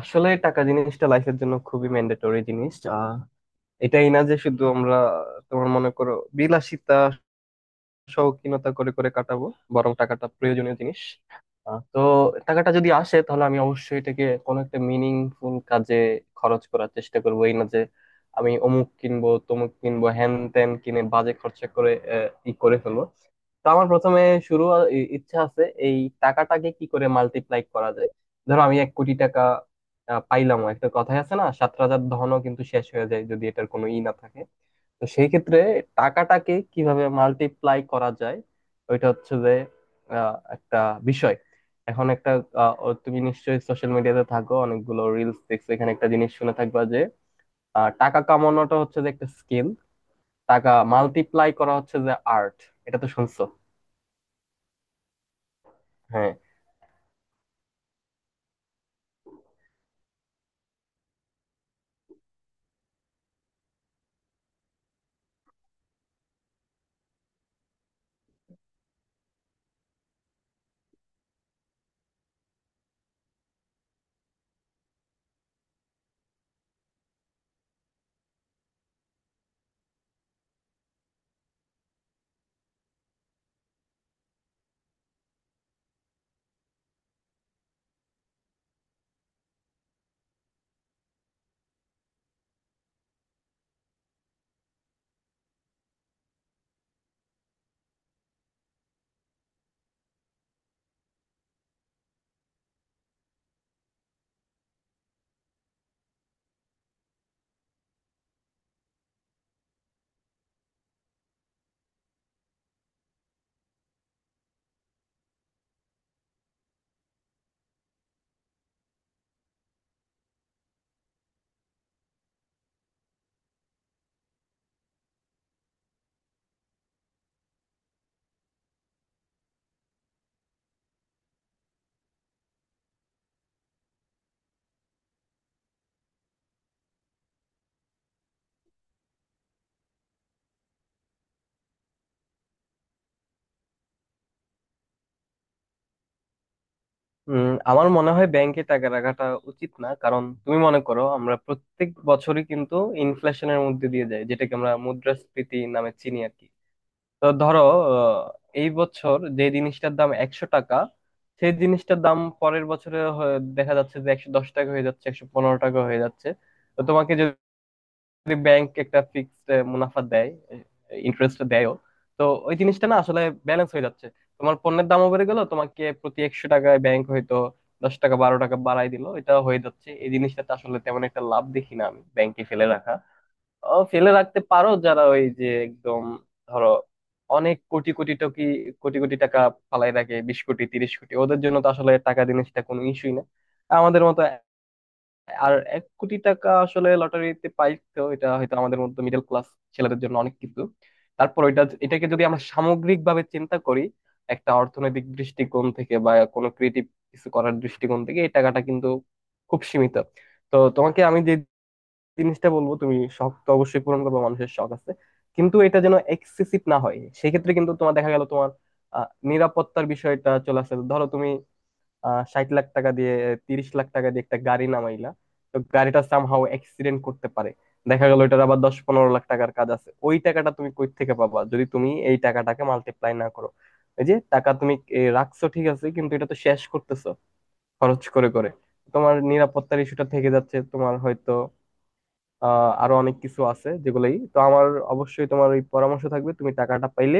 আসলে টাকা জিনিসটা লাইফের জন্য খুবই ম্যান্ডেটরি জিনিস। এটাই না যে শুধু আমরা তোমার মনে করো বিলাসিতা শৌখিনতা করে করে কাটাবো, বরং টাকাটা প্রয়োজনীয় জিনিস। তো টাকাটা যদি আসে তাহলে আমি অবশ্যই এটাকে কোনো একটা মিনিংফুল কাজে খরচ করার চেষ্টা করবো, এই না যে আমি অমুক কিনবো তমুক কিনবো হ্যান ত্যান কিনে বাজে খরচা করে আহ, ই করে ফেলবো। তো আমার প্রথমে শুরু ইচ্ছা আছে এই টাকাটাকে কি করে মাল্টিপ্লাই করা যায়। ধরো আমি 1 কোটি টাকা পাইলাম। একটা কথাই আছে না, সাত রাজার ধনও কিন্তু শেষ হয়ে যায় যদি এটার কোনো ই না থাকে। তো সেই ক্ষেত্রে টাকাটাকে কিভাবে মাল্টিপ্লাই করা যায় ওইটা হচ্ছে যে একটা বিষয়। এখন একটা আহ, ও তুমি নিশ্চয়ই সোশ্যাল মিডিয়াতে থাকো, অনেকগুলো রিলস দেখছো, এখানে একটা জিনিস শুনে থাকবা যে টাকা কামানোটা হচ্ছে যে একটা স্কিল। টাকা মাল্টিপ্লাই করা হচ্ছে যে আর্ট। এটা তো শুনছো। হ্যাঁ। আমার মনে হয় ব্যাংকে টাকা রাখাটা উচিত না, কারণ তুমি মনে করো আমরা প্রত্যেক বছরই কিন্তু ইনফ্লেশনের মধ্যে দিয়ে যাই, যেটাকে আমরা মুদ্রাস্ফীতি নামে চিনি আর কি। তো ধরো আহ, এই বছর যে জিনিসটার দাম 100 টাকা, সেই জিনিসটার দাম পরের বছরে দেখা যাচ্ছে যে 110 টাকা হয়ে যাচ্ছে, 115 টাকা হয়ে যাচ্ছে। তো তোমাকে ব্যাংক একটা ফিক্সড মুনাফা দেয়, ইন্টারেস্ট দেয়ও। তো ওই জিনিসটা না আসলে ব্যালেন্স হয়ে যাচ্ছে। তোমার পণ্যের দামও বেড়ে গেল, তোমাকে প্রতি 100 টাকায় ব্যাংক হয়তো 10 টাকা 12 টাকা বাড়াই দিল। এটা হয়ে যাচ্ছে, এই জিনিসটাতে আসলে তেমন একটা লাভ দেখি না আমি ব্যাংকে ফেলে রাখা। ফেলে রাখতে পারো যারা ওই যে একদম ধরো অনেক কোটি কোটি টকি কোটি কোটি টাকা ফালাই রাখে, 20 কোটি 30 কোটি, ওদের জন্য তো আসলে টাকা জিনিসটা কোনো ইস্যুই না। আমাদের মতো আর 1 কোটি টাকা আসলে লটারিতে পাইতো, এটা হয়তো আমাদের মতো মিডল ক্লাস ছেলেদের জন্য অনেক কিছু। তারপর ওইটা এটাকে যদি আমরা সামগ্রিক ভাবে চিন্তা করি একটা অর্থনৈতিক দৃষ্টিকোণ থেকে বা কোনো ক্রিয়েটিভ কিছু করার দৃষ্টিকোণ থেকে এই টাকাটা কিন্তু খুব সীমিত। তো তোমাকে আমি যে জিনিসটা বলবো, তুমি শখ তো অবশ্যই পূরণ করবে, মানুষের শখ আছে, কিন্তু এটা যেন এক্সেসিভ না হয়। সেক্ষেত্রে কিন্তু তোমার দেখা গেল তোমার নিরাপত্তার বিষয়টা চলে আসে। ধরো তুমি 60 লাখ টাকা দিয়ে 30 লাখ টাকা দিয়ে একটা গাড়ি নামাইলা। তো গাড়িটা সামহাও অ্যাক্সিডেন্ট করতে পারে, দেখা গেল এটার আবার 10-15 লাখ টাকার কাজ আছে। ওই টাকাটা তুমি কই থেকে পাবা যদি তুমি এই টাকাটাকে মাল্টিপ্লাই না করো? এই যে টাকা তুমি রাখছো ঠিক আছে, কিন্তু এটা তো শেষ করতেছো খরচ করে করে। তোমার নিরাপত্তার ইস্যুটা থেকে যাচ্ছে, তোমার হয়তো আরো অনেক কিছু আছে যেগুলাই তো আমার অবশ্যই তোমার ওই পরামর্শ থাকবে তুমি টাকাটা পাইলে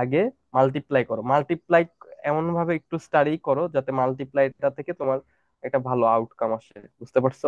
আগে মাল্টিপ্লাই করো, মাল্টিপ্লাই এমন ভাবে একটু স্টাডি করো যাতে মাল্টিপ্লাইটা থেকে তোমার একটা ভালো আউটকাম আসে। বুঝতে পারছো?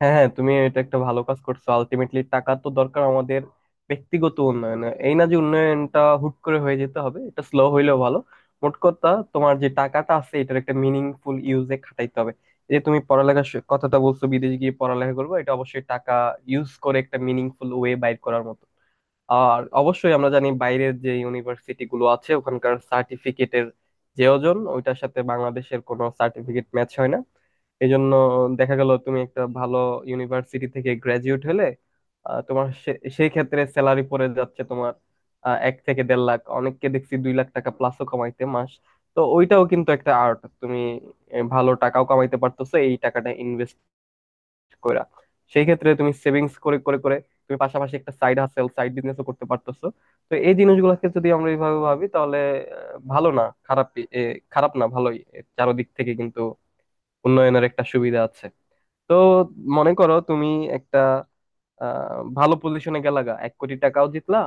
হ্যাঁ হ্যাঁ, তুমি এটা একটা ভালো কাজ করছো, আলটিমেটলি টাকা তো দরকার আমাদের ব্যক্তিগত উন্নয়ন। এই না যে উন্নয়নটা হুট করে হয়ে যেতে হবে, এটা স্লো হইলেও ভালো। মোট কথা তোমার যে টাকাটা আছে এটার একটা মিনিংফুল ইউজে খাটাইতে হবে। এই যে তুমি পড়ালেখার কথাটা বলছো বিদেশ গিয়ে পড়ালেখা করবো, এটা অবশ্যই টাকা ইউজ করে একটা মিনিংফুল ওয়ে বাইর করার মতো। আর অবশ্যই আমরা জানি বাইরের যে ইউনিভার্সিটি গুলো আছে ওখানকার সার্টিফিকেটের যে ওজন ওইটার সাথে বাংলাদেশের কোনো সার্টিফিকেট ম্যাচ হয় না। এই জন্য দেখা গেল তুমি একটা ভালো ইউনিভার্সিটি থেকে গ্রাজুয়েট হলে তোমার সেই ক্ষেত্রে স্যালারি পড়ে যাচ্ছে তোমার 1 থেকে দেড় লাখ, অনেককে দেখছি 2 লাখ টাকা প্লাসও কামাইতে মাস। তো ওইটাও কিন্তু একটা আর্ট। তুমি ভালো টাকাও কামাইতে পারতেছো এই টাকাটা ইনভেস্ট কইরা। সেই ক্ষেত্রে তুমি সেভিংস করে করে করে তুমি পাশাপাশি একটা সাইড হাসেল সাইড বিজনেসও করতে পারতেছো। তো এই জিনিসগুলোকে যদি আমরা এইভাবে ভাবি তাহলে ভালো না খারাপ, খারাপ না ভালোই, এর চারদিক থেকে কিন্তু উন্নয়নের একটা সুবিধা আছে। তো মনে করো তুমি একটা ভালো পজিশনে গেলা গা, 1 কোটি টাকাও জিতলা।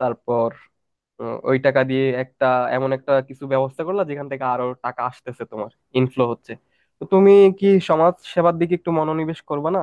তারপর ওই টাকা দিয়ে একটা এমন একটা কিছু ব্যবস্থা করলা যেখান থেকে আরো টাকা আসতেছে তোমার, ইনফ্লো হচ্ছে। তো তুমি কি সমাজ সেবার দিকে একটু মনোনিবেশ করবে না?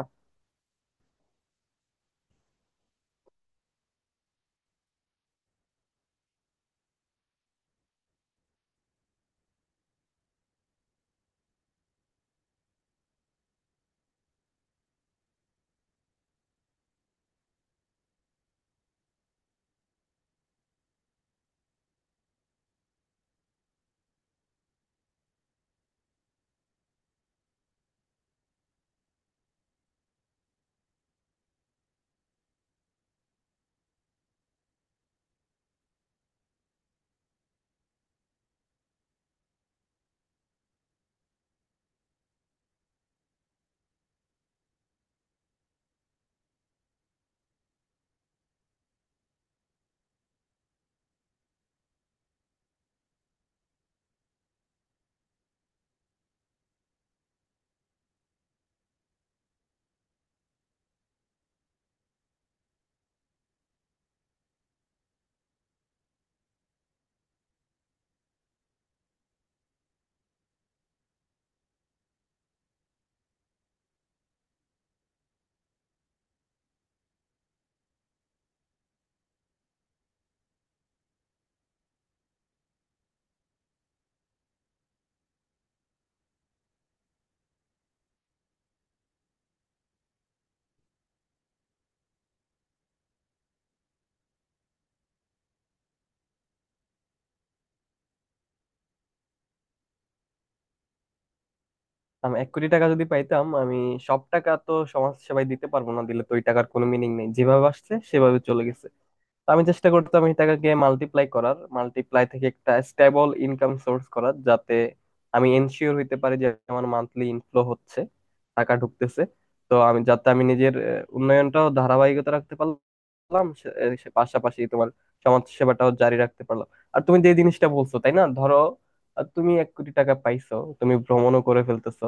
আমি এক কোটি টাকা যদি পাইতাম আমি সব টাকা তো সমাজ সেবায় দিতে পারবো না। দিলে তো ওই টাকার কোনো মিনিং নেই, যেভাবে আসছে সেভাবে চলে গেছে। তো আমি চেষ্টা করতাম এই টাকাকে মাল্টিপ্লাই করার, মাল্টিপ্লাই থেকে একটা স্টেবল ইনকাম সোর্স করার যাতে আমি এনশিওর হইতে পারি যে আমার মান্থলি ইনফ্লো হচ্ছে, টাকা ঢুকতেছে। তো আমি যাতে আমি নিজের উন্নয়নটাও ধারাবাহিকতা রাখতে পারলাম সে পাশাপাশি তোমার সমাজ সেবাটাও জারি রাখতে পারলাম। আর তুমি যে জিনিসটা বলছো তাই না। ধরো তুমি 1 কোটি টাকা পাইছো, তুমি ভ্রমণও করে ফেলতেছো।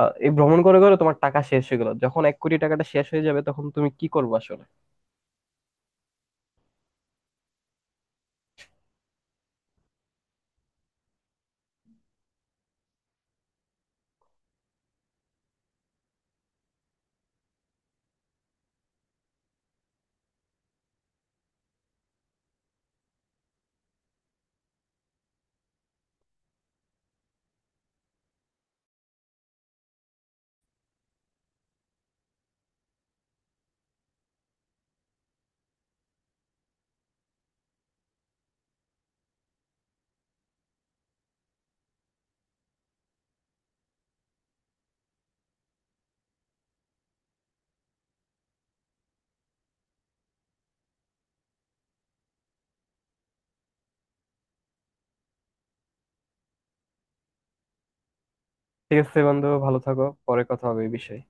এই ভ্রমণ করে করে তোমার টাকা শেষ হয়ে গেল। যখন 1 কোটি টাকাটা শেষ হয়ে যাবে তখন তুমি কি করবে আসলে? ঠিক আছে বন্ধু, ভালো থাকো, পরে কথা হবে এই বিষয়ে।